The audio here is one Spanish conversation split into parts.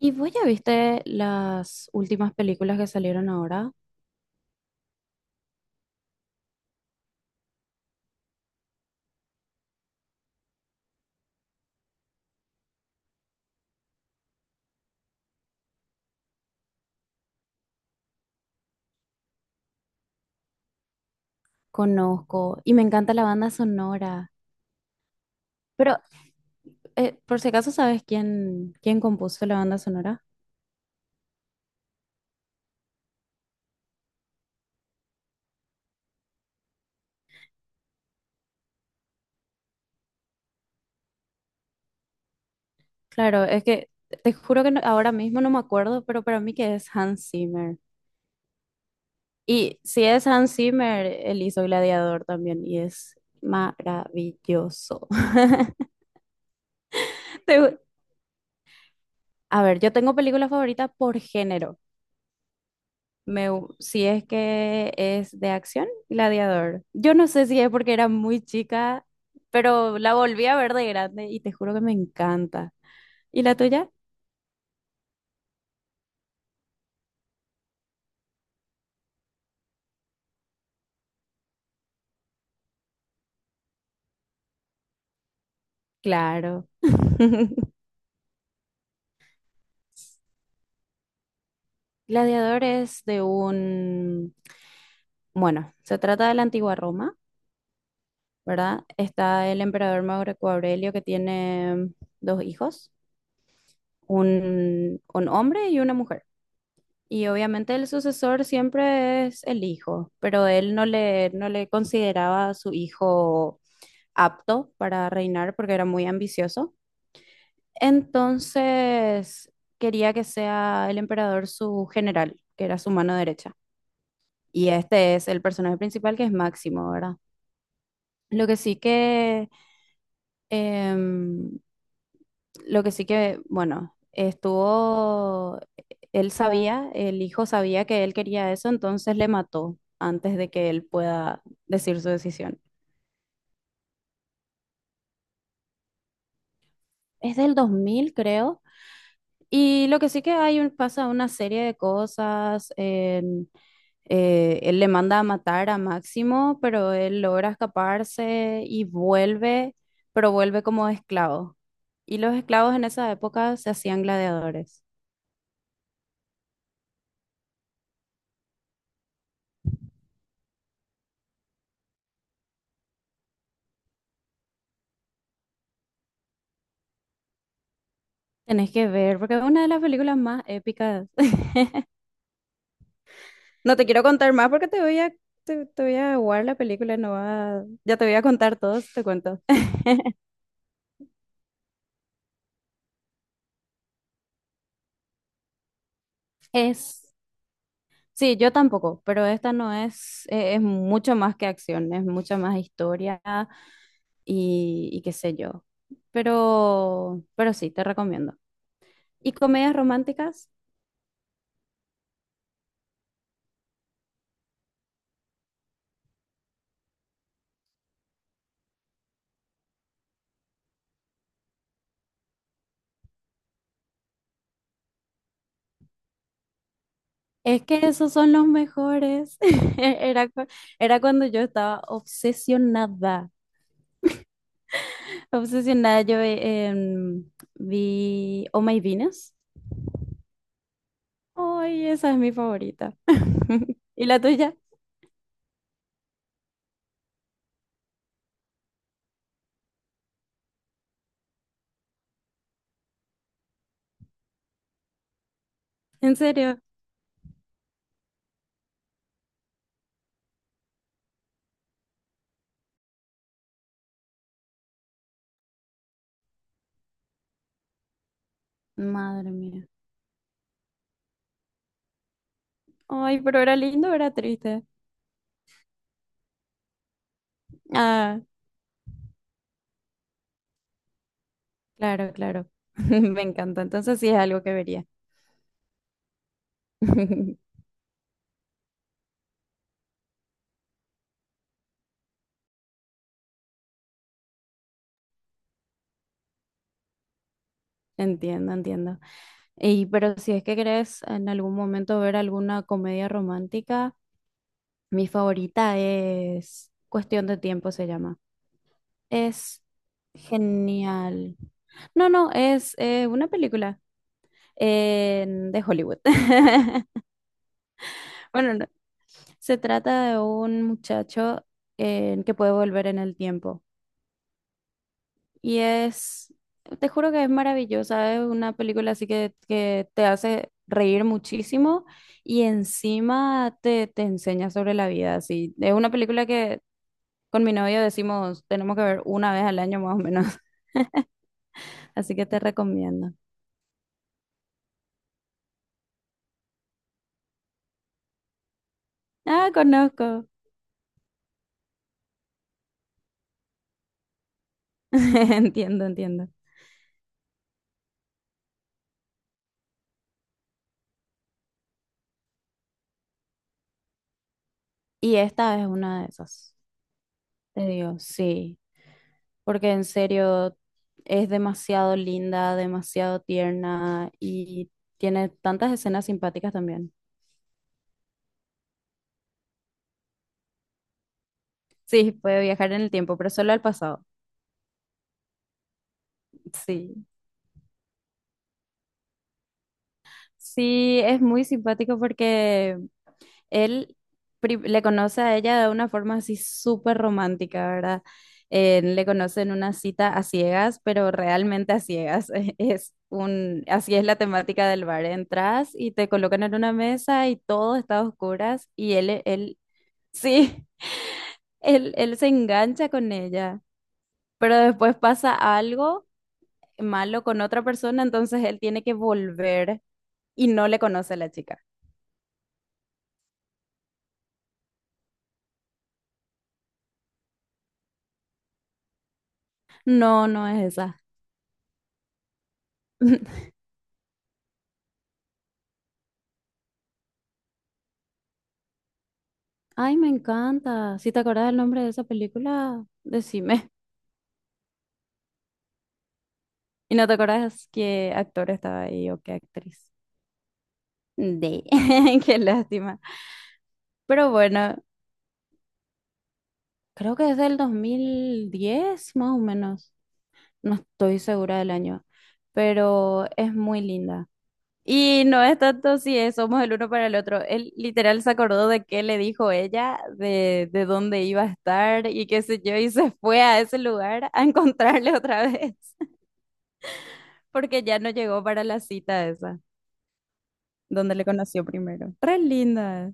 ¿Y vos ya viste las últimas películas que salieron ahora? Conozco y me encanta la banda sonora. Pero, por si acaso, ¿sabes quién compuso la banda sonora? Claro, es que te juro que ahora mismo no me acuerdo, pero para mí que es Hans Zimmer. Y si es Hans Zimmer, él hizo Gladiador también y es maravilloso. Te- A ver, yo tengo películas favoritas por género. Si es que es de acción, Gladiador. Yo no sé si es porque era muy chica, pero la volví a ver de grande y te juro que me encanta. ¿Y la tuya? Claro. Gladiador es de un, bueno, se trata de la antigua Roma, ¿verdad? Está el emperador Marco Aurelio que tiene dos hijos, un hombre y una mujer. Y obviamente el sucesor siempre es el hijo, pero él no le consideraba a su hijo apto para reinar porque era muy ambicioso. Entonces quería que sea el emperador su general, que era su mano derecha. Y este es el personaje principal que es Máximo, ¿verdad? Lo que sí que em, lo que sí que, bueno, estuvo, él sabía, el hijo sabía que él quería eso, entonces le mató antes de que él pueda decir su decisión. Es del 2000 creo. Y lo que sí que hay pasa una serie de cosas. Él le manda a matar a Máximo, pero él logra escaparse y vuelve, pero vuelve como esclavo. Y los esclavos en esa época se hacían gladiadores. Tenés que ver, porque es una de las películas más épicas. No te quiero contar más porque te voy a, te voy a aguar la película, no va, ya te voy a contar todo, te cuento. Es, sí, yo tampoco, pero esta no es, es mucho más que acción, es mucha más historia y qué sé yo. Pero sí, te recomiendo. ¿Y comedias románticas? Es que esos son los mejores. Era, cu- Era cuando yo estaba obsesionada. Obsesionada, yo vi Oh My Venus. Ay, esa es mi favorita. ¿Y la tuya? ¿En serio? Madre mía. Ay, pero era lindo, o era triste. Ah, claro, claro. Me encanta. Entonces sí es algo que vería. Entiendo, entiendo. Y pero si es que querés en algún momento ver alguna comedia romántica, mi favorita es Cuestión de Tiempo, se llama. Es genial. No, no, es una película de Hollywood. Bueno, no, se trata de un muchacho que puede volver en el tiempo. Y es, te juro que es maravillosa, es una película así que te hace reír muchísimo y encima te, te enseña sobre la vida. Así. Es una película que con mi novio decimos tenemos que ver una vez al año más o menos, así que te recomiendo. Ah, conozco. Entiendo, entiendo. Y esta es una de esas. Te digo, sí, porque en serio es demasiado linda, demasiado tierna y tiene tantas escenas simpáticas también. Sí, puede viajar en el tiempo, pero solo al pasado. Sí. Sí, es muy simpático porque él le conoce a ella de una forma así súper romántica, ¿verdad? Le conoce en una cita a ciegas, pero realmente a ciegas. Es un, así es la temática del bar. Entras y te colocan en una mesa y todo está a oscuras y sí, él se engancha con ella, pero después pasa algo malo con otra persona, entonces él tiene que volver y no le conoce a la chica. No, no es esa. Ay, me encanta. Si te acordás el nombre de esa película, decime. Y no te acordás qué actor estaba ahí o qué actriz. De, qué lástima. Pero bueno, creo que es del 2010, más o menos. No estoy segura del año, pero es muy linda. Y no es tanto si es, somos el uno para el otro. Él literal se acordó de qué le dijo ella, de dónde iba a estar y qué sé yo, y se fue a ese lugar a encontrarle otra vez. Porque ya no llegó para la cita esa, donde le conoció primero. Re linda.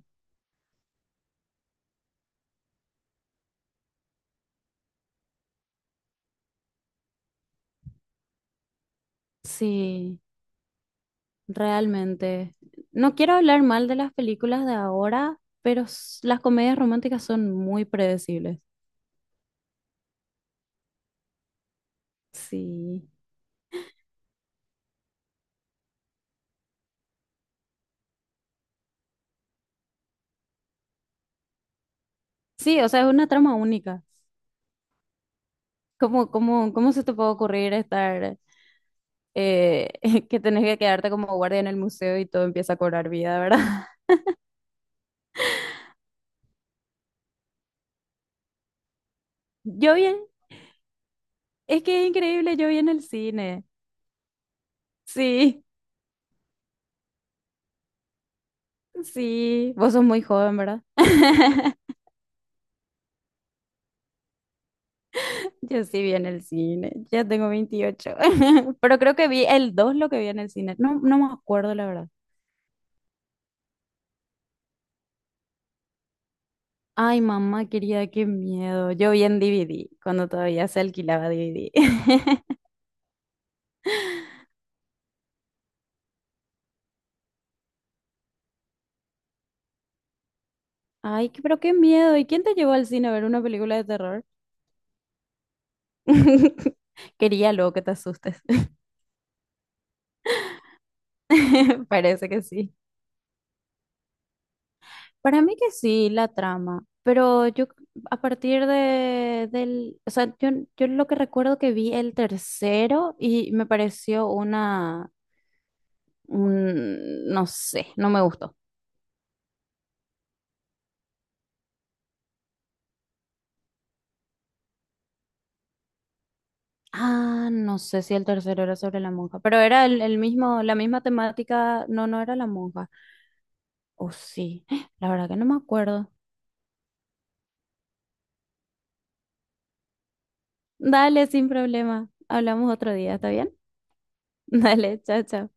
Sí, realmente. No quiero hablar mal de las películas de ahora, pero las comedias románticas son muy predecibles. Sí. Sí, o sea, es una trama única. ¿Cómo se te puede ocurrir estar, eh, que tenés que quedarte como guardia en el museo y todo empieza a cobrar vida, ¿verdad? Yo bien, es que es increíble, yo vi en el cine. Sí. Sí, vos sos muy joven, ¿verdad? Yo sí vi en el cine, ya tengo 28, pero creo que vi el 2 lo que vi en el cine, no, no me acuerdo la verdad. Ay, mamá querida, qué miedo. Yo vi en DVD, cuando todavía se alquilaba DVD. Ay, pero qué miedo. ¿Y quién te llevó al cine a ver una película de terror? Quería luego que te asustes. Parece que sí. Para mí que sí, la trama, pero a partir de, del, o sea, yo lo que recuerdo que vi el tercero y me pareció una, no sé, no me gustó. Ah, no sé si el tercero era sobre la monja, pero era el mismo, la misma temática, no, no era la monja, o sí, la verdad que no me acuerdo. Dale, sin problema, hablamos otro día, ¿está bien? Dale, chao, chao.